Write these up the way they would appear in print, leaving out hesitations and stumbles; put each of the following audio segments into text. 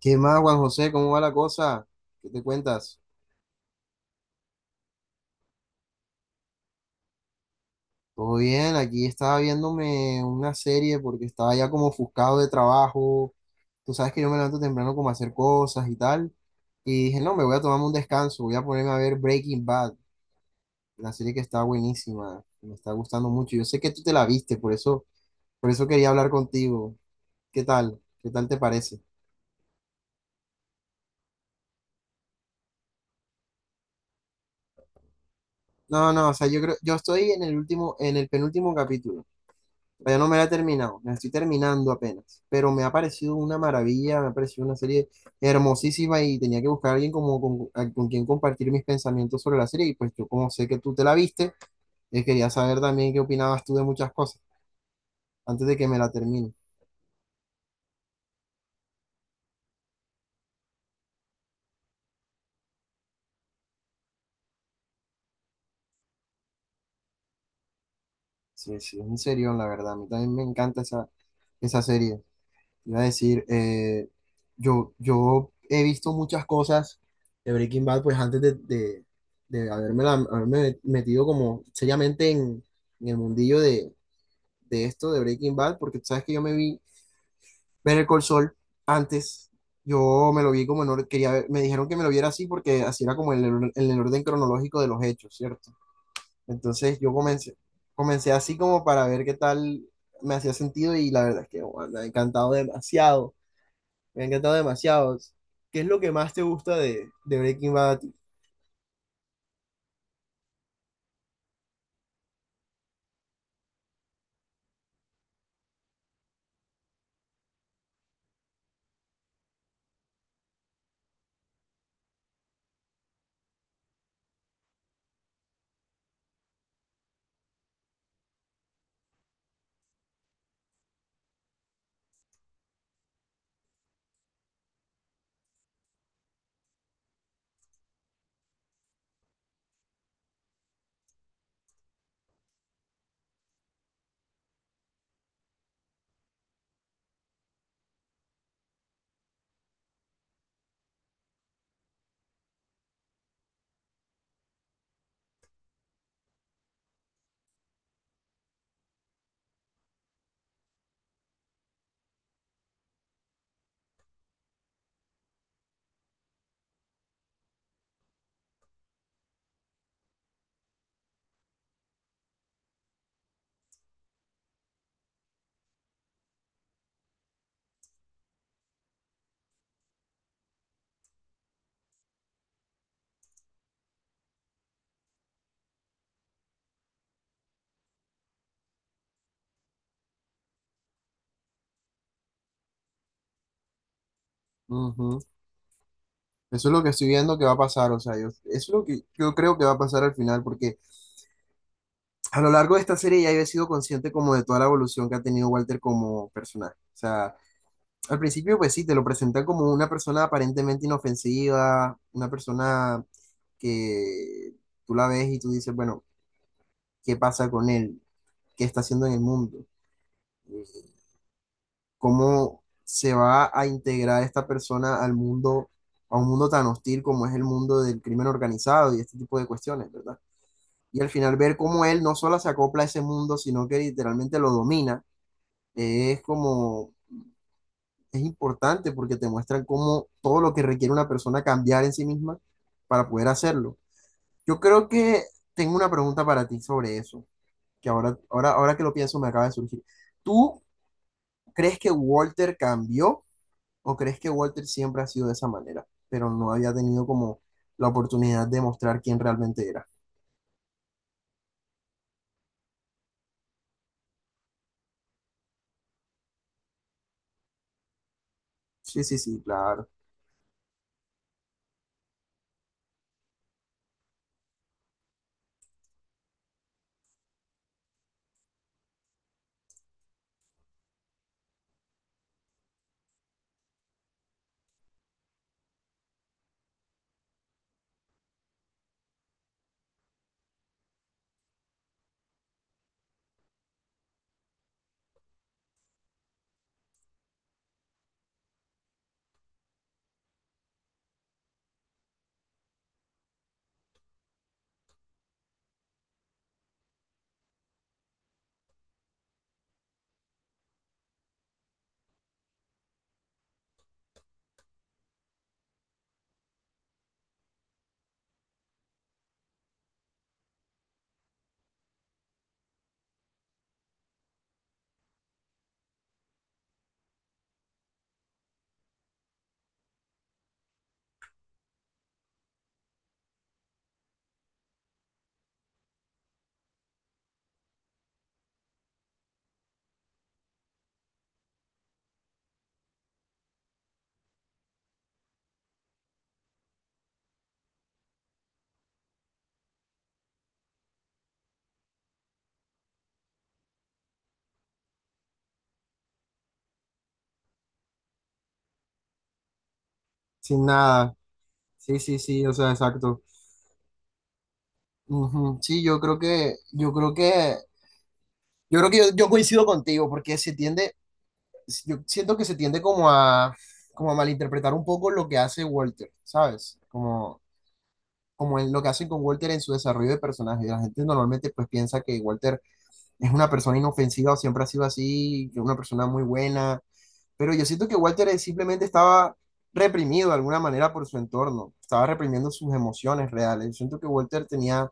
¿Qué más, Juan José? ¿Cómo va la cosa? ¿Qué te cuentas? Todo bien, aquí estaba viéndome una serie porque estaba ya como ofuscado de trabajo. Tú sabes que yo me levanto temprano como a hacer cosas y tal. Y dije, no, me voy a tomarme un descanso, voy a ponerme a ver Breaking Bad, la serie que está buenísima, me está gustando mucho. Yo sé que tú te la viste, por eso quería hablar contigo. ¿Qué tal? ¿Qué tal te parece? No, no, o sea, yo creo, yo estoy en el último, en el penúltimo capítulo. Todavía no me la he terminado, la estoy terminando apenas, pero me ha parecido una maravilla, me ha parecido una serie hermosísima y tenía que buscar a alguien como con, con quien compartir mis pensamientos sobre la serie y pues yo como sé que tú te la viste, quería saber también qué opinabas tú de muchas cosas antes de que me la termine. Sí, sí, es un serión, la verdad, a mí también me encanta esa, esa serie. Iba a decir, yo he visto muchas cosas de Breaking Bad, pues antes de haberme metido como seriamente en el mundillo de esto, de Breaking Bad, porque tú sabes que yo me vi ver el Sol antes, yo me lo vi como en orden, me dijeron que me lo viera así porque así era como en en el orden cronológico de los hechos, ¿cierto? Entonces yo comencé, comencé así como para ver qué tal me hacía sentido y la verdad es que bueno, me ha encantado demasiado. Me ha encantado demasiado. ¿Qué es lo que más te gusta de Breaking Bad a ti? Ujú. Eso es lo que estoy viendo que va a pasar, o sea, yo, eso es lo que yo creo que va a pasar al final, porque a lo largo de esta serie ya he sido consciente como de toda la evolución que ha tenido Walter como personaje. O sea, al principio pues sí, te lo presentan como una persona aparentemente inofensiva, una persona que tú la ves y tú dices, bueno, ¿qué pasa con él? ¿Qué está haciendo en el mundo? ¿Cómo se va a integrar esta persona al mundo, a un mundo tan hostil como es el mundo del crimen organizado y este tipo de cuestiones, ¿verdad? Y al final ver cómo él no solo se acopla a ese mundo, sino que literalmente lo domina. Es como, es importante porque te muestran cómo todo lo que requiere una persona cambiar en sí misma para poder hacerlo. Yo creo que tengo una pregunta para ti sobre eso, que ahora que lo pienso me acaba de surgir. ¿Tú crees que Walter cambió? ¿O crees que Walter siempre ha sido de esa manera, pero no había tenido como la oportunidad de mostrar quién realmente era? Sí, sí, sí, claro. Sin nada. Sí, sí, sí, o sea, exacto. Ujú. Sí, yo creo que yo coincido contigo, porque se tiende, yo siento que se tiende como a, como a malinterpretar un poco lo que hace Walter, ¿sabes? Como, como en lo que hacen con Walter en su desarrollo de personaje. La gente normalmente pues piensa que Walter es una persona inofensiva o siempre ha sido así, que es una persona muy buena, pero yo siento que Walter simplemente estaba reprimido de alguna manera por su entorno, estaba reprimiendo sus emociones reales. Yo siento que Walter tenía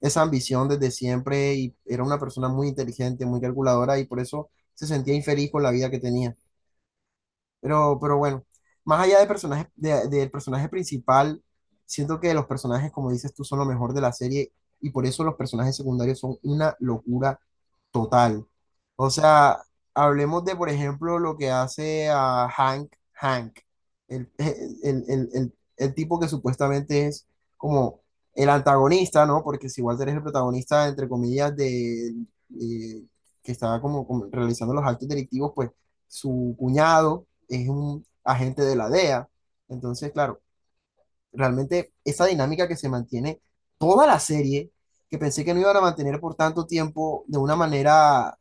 esa ambición desde siempre y era una persona muy inteligente, muy calculadora y por eso se sentía infeliz con la vida que tenía. Pero bueno, más allá de personaje, del personaje principal, siento que los personajes, como dices tú, son lo mejor de la serie y por eso los personajes secundarios son una locura total. O sea, hablemos de, por ejemplo, lo que hace a Hank, Hank, el tipo que supuestamente es como el antagonista, ¿no? Porque si Walter es el protagonista, entre comillas, eh, que estaba como realizando los actos delictivos, pues su cuñado es un agente de la DEA. Entonces, claro, realmente esa dinámica que se mantiene toda la serie, que pensé que no iban a mantener por tanto tiempo de una manera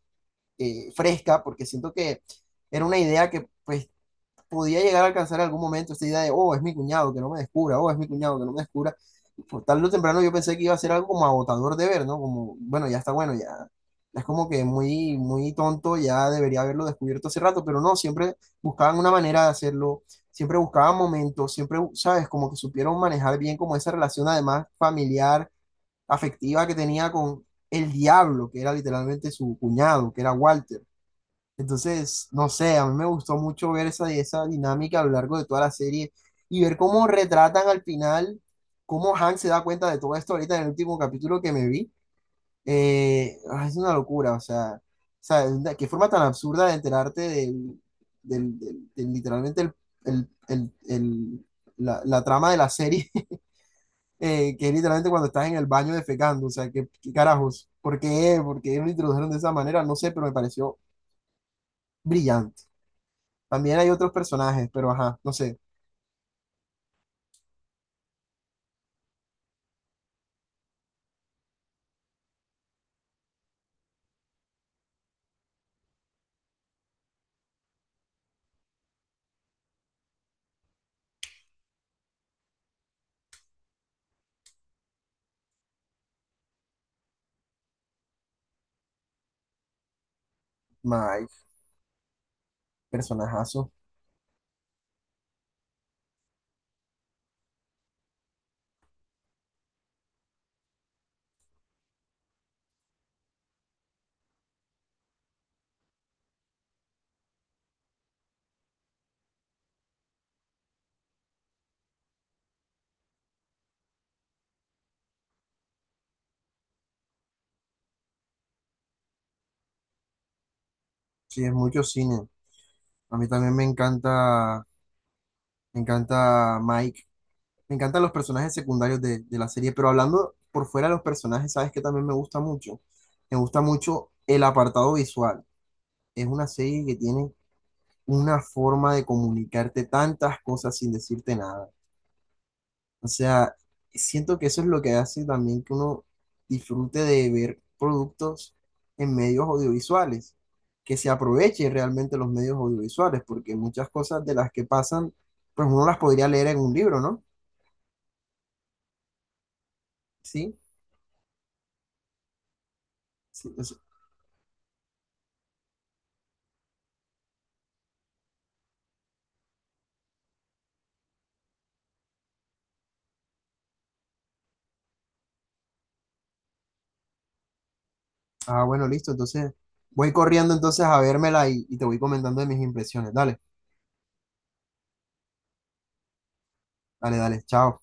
fresca, porque siento que era una idea que pues podía llegar a alcanzar en algún momento esta idea de, oh, es mi cuñado, que no me descubra, oh, es mi cuñado, que no me descubra. Por tarde o temprano yo pensé que iba a ser algo como agotador de ver, ¿no? Como, bueno, ya está bueno, ya, ya es como que muy, muy tonto, ya debería haberlo descubierto hace rato, pero no, siempre buscaban una manera de hacerlo, siempre buscaban momentos, siempre, ¿sabes? Como que supieron manejar bien como esa relación además familiar, afectiva que tenía con el diablo, que era literalmente su cuñado, que era Walter. Entonces, no sé, a mí me gustó mucho ver esa, esa dinámica a lo largo de toda la serie y ver cómo retratan al final, cómo Hank se da cuenta de todo esto ahorita en el último capítulo que me vi. Ah, es una locura, qué forma tan absurda de enterarte literalmente el- el- el- la, la trama de la serie, que es literalmente cuando estás en el baño defecando, o sea, qué, qué carajos, ¿por qué? ¿Por qué lo introdujeron de esa manera? No sé, pero me pareció brillante. También hay otros personajes, pero ajá, no sé. Mike, personajazo. Sí, es mucho cine. A mí también me encanta Mike. Me encantan los personajes secundarios de la serie, pero hablando por fuera de los personajes, ¿sabes qué también me gusta mucho? Me gusta mucho el apartado visual. Es una serie que tiene una forma de comunicarte tantas cosas sin decirte nada. O sea, siento que eso es lo que hace también que uno disfrute de ver productos en medios audiovisuales, que se aprovechen realmente los medios audiovisuales, porque muchas cosas de las que pasan, pues uno las podría leer en un libro, ¿no? Sí. Sí, entonces, ah, bueno, listo. Entonces, voy corriendo entonces a vérmela y te voy comentando de mis impresiones. Dale, dale, dale. Chao.